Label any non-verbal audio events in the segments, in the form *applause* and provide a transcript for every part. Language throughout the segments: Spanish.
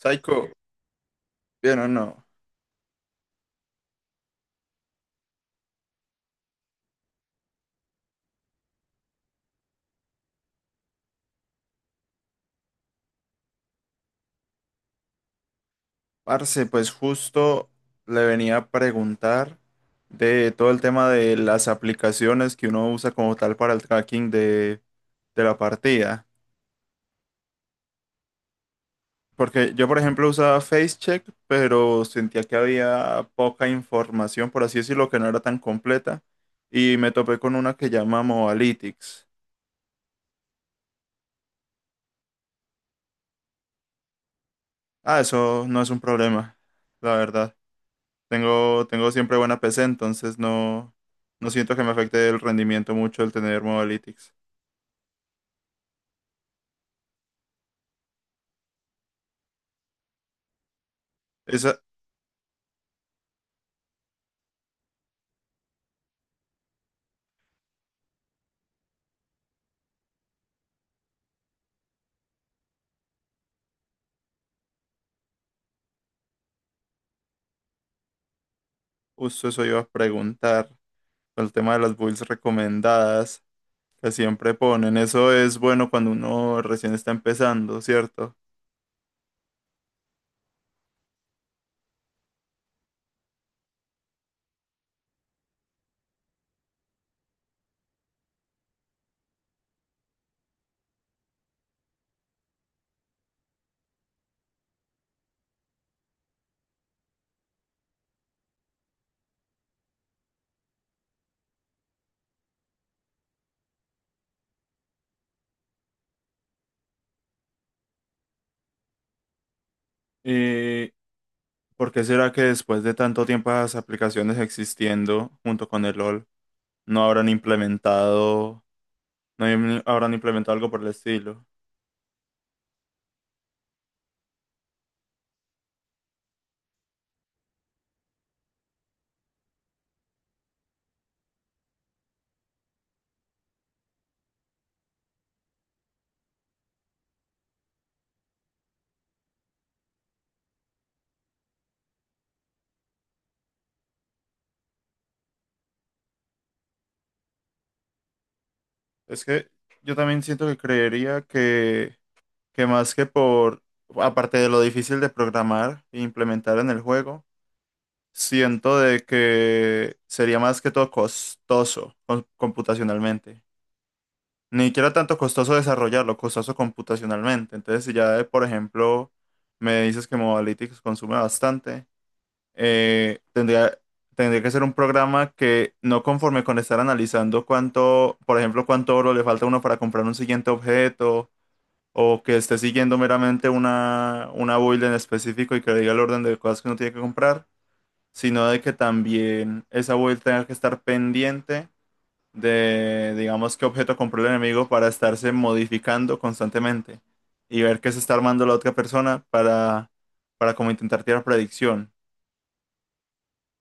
Psycho, bien o no. Parce, pues justo le venía a preguntar de todo el tema de las aplicaciones que uno usa como tal para el tracking de la partida. Porque yo, por ejemplo, usaba FaceCheck, pero sentía que había poca información, por así decirlo, que no era tan completa. Y me topé con una que llama Mobalytics. Ah, eso no es un problema, la verdad. Tengo siempre buena PC, entonces no, no siento que me afecte el rendimiento mucho el tener Modalytics. Esa, justo eso iba a preguntar, con el tema de las builds recomendadas que siempre ponen. Eso es bueno cuando uno recién está empezando, ¿cierto? ¿Y por qué será que después de tanto tiempo las aplicaciones existiendo junto con el LOL no habrán implementado, no habrán implementado algo por el estilo? Es que yo también siento que creería que más que por, aparte de lo difícil de programar e implementar en el juego, siento de que sería más que todo costoso computacionalmente. Ni siquiera tanto costoso desarrollarlo, costoso computacionalmente. Entonces, si ya, por ejemplo, me dices que Modalytics consume bastante, eh, tendría, tendría que ser un programa que no conforme con estar analizando cuánto, por ejemplo, cuánto oro le falta a uno para comprar un siguiente objeto, o que esté siguiendo meramente una build en específico y que diga el orden de cosas que uno tiene que comprar, sino de que también esa build tenga que estar pendiente de, digamos, qué objeto compró el enemigo para estarse modificando constantemente y ver qué se está armando la otra persona para como intentar tirar predicción.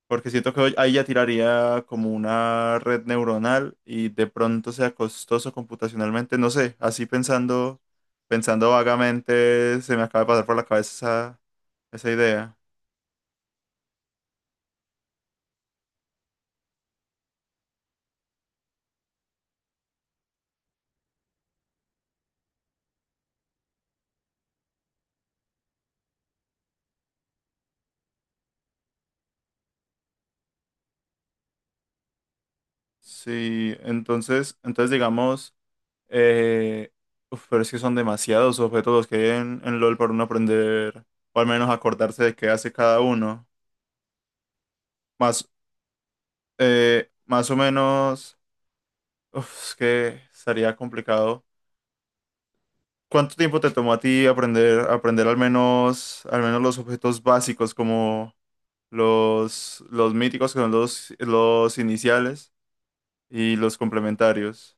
Porque siento que ahí ya tiraría como una red neuronal y de pronto sea costoso computacionalmente, no sé, así pensando, pensando vagamente, se me acaba de pasar por la cabeza esa, esa idea. Sí, entonces, entonces digamos, eh, uf, pero es que son demasiados objetos los que hay en LOL para uno aprender, o al menos acordarse de qué hace cada uno. Más, más o menos, uf, es que estaría complicado. ¿Cuánto tiempo te tomó a ti aprender, aprender al menos los objetos básicos como los míticos, que son los iniciales, y los complementarios?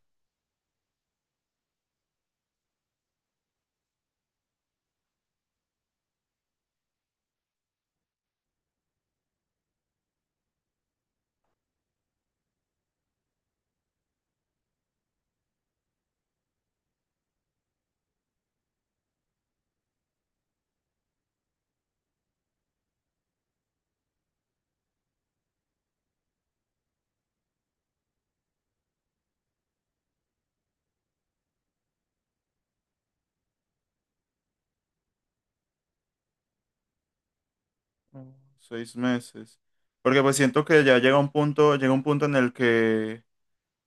Mm, 6 meses. Porque pues siento que ya llega un punto en el que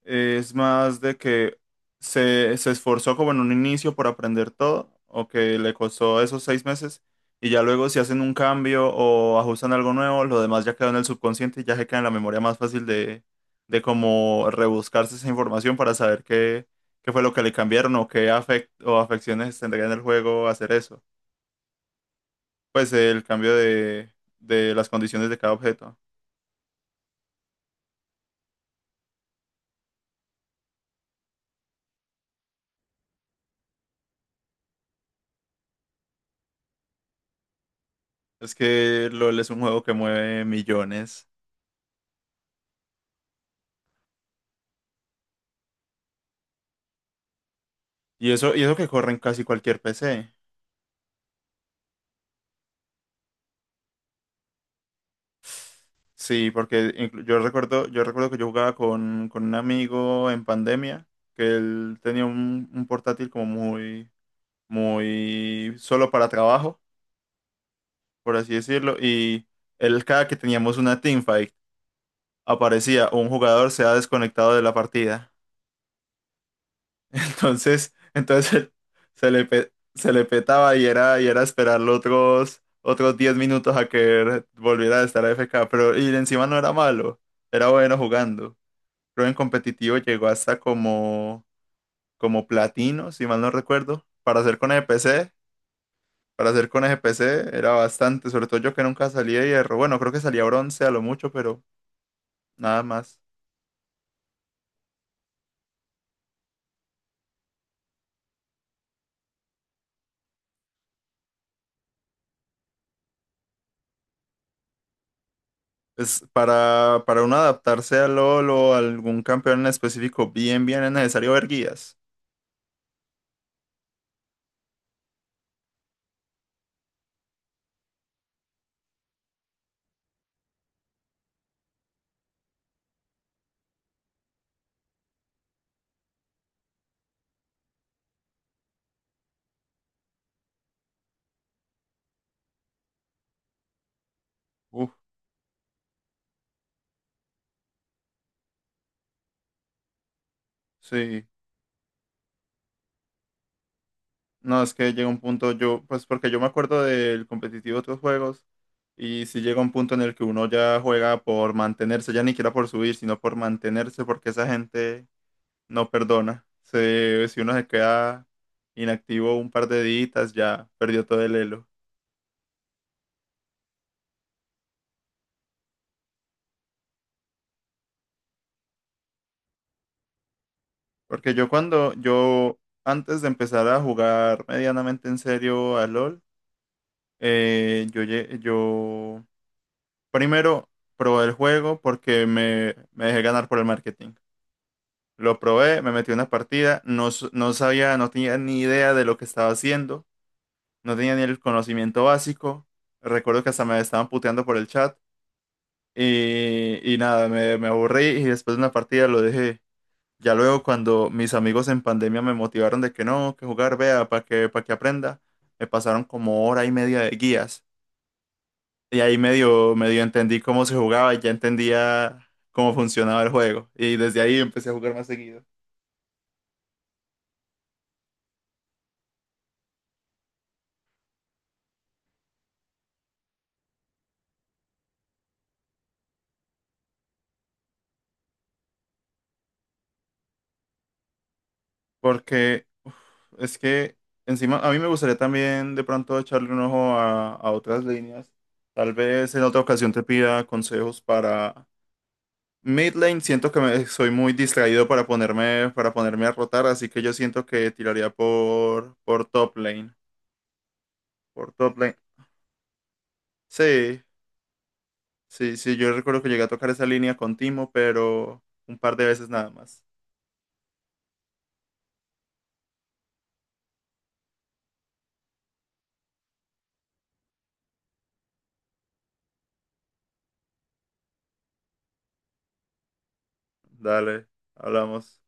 es más de que se esforzó como en un inicio por aprender todo, o que le costó esos 6 meses, y ya luego si hacen un cambio o ajustan algo nuevo, lo demás ya quedó en el subconsciente y ya se queda en la memoria más fácil de como rebuscarse esa información para saber qué, qué fue lo que le cambiaron o o afecciones tendría en el juego hacer eso. Pues el cambio de las condiciones de cada objeto. Es que LOL es un juego que mueve millones. Y eso que corre en casi cualquier PC. Sí, porque yo recuerdo que yo jugaba con un amigo en pandemia, que él tenía un portátil como muy, muy solo para trabajo, por así decirlo, y él cada que teníamos una teamfight, aparecía un jugador se ha desconectado de la partida. Entonces, entonces *laughs* se le petaba y era esperarlo otros, otros 10 minutos a que volviera a estar AFK. Pero y encima no era malo, era bueno jugando. Creo en competitivo llegó hasta como, como platino, si mal no recuerdo. Para hacer con EPC, para hacer con EPC era bastante, sobre todo yo que nunca salía de hierro. Bueno, creo que salía bronce a lo mucho, pero nada más. Es para uno adaptarse al LoL o a algún campeón en específico, bien, bien es necesario ver guías. Uf, sí. No, es que llega un punto, yo, pues porque yo me acuerdo del competitivo de otros juegos, y si llega un punto en el que uno ya juega por mantenerse, ya ni siquiera por subir, sino por mantenerse, porque esa gente no perdona. Se, si uno se queda inactivo un par de días, ya perdió todo el elo. Porque yo cuando, yo antes de empezar a jugar medianamente en serio a LOL, yo primero, probé el juego porque me dejé ganar por el marketing. Lo probé, me metí una partida, no, no sabía, no tenía ni idea de lo que estaba haciendo, no tenía ni el conocimiento básico. Recuerdo que hasta me estaban puteando por el chat y nada, me aburrí y después de una partida lo dejé. Ya luego cuando mis amigos en pandemia me motivaron de que no, que jugar, vea, para que aprenda, me pasaron como hora y media de guías. Y ahí medio, medio entendí cómo se jugaba y ya entendía cómo funcionaba el juego. Y desde ahí empecé a jugar más seguido. Porque uf, es que encima a mí me gustaría también de pronto echarle un ojo a otras líneas. Tal vez en otra ocasión te pida consejos para mid lane. Siento que soy muy distraído para ponerme a rotar, así que yo siento que tiraría por top lane. Por top lane. Sí. Sí, sí, yo recuerdo que llegué a tocar esa línea con Timo, pero un par de veces nada más. Dale, hablamos.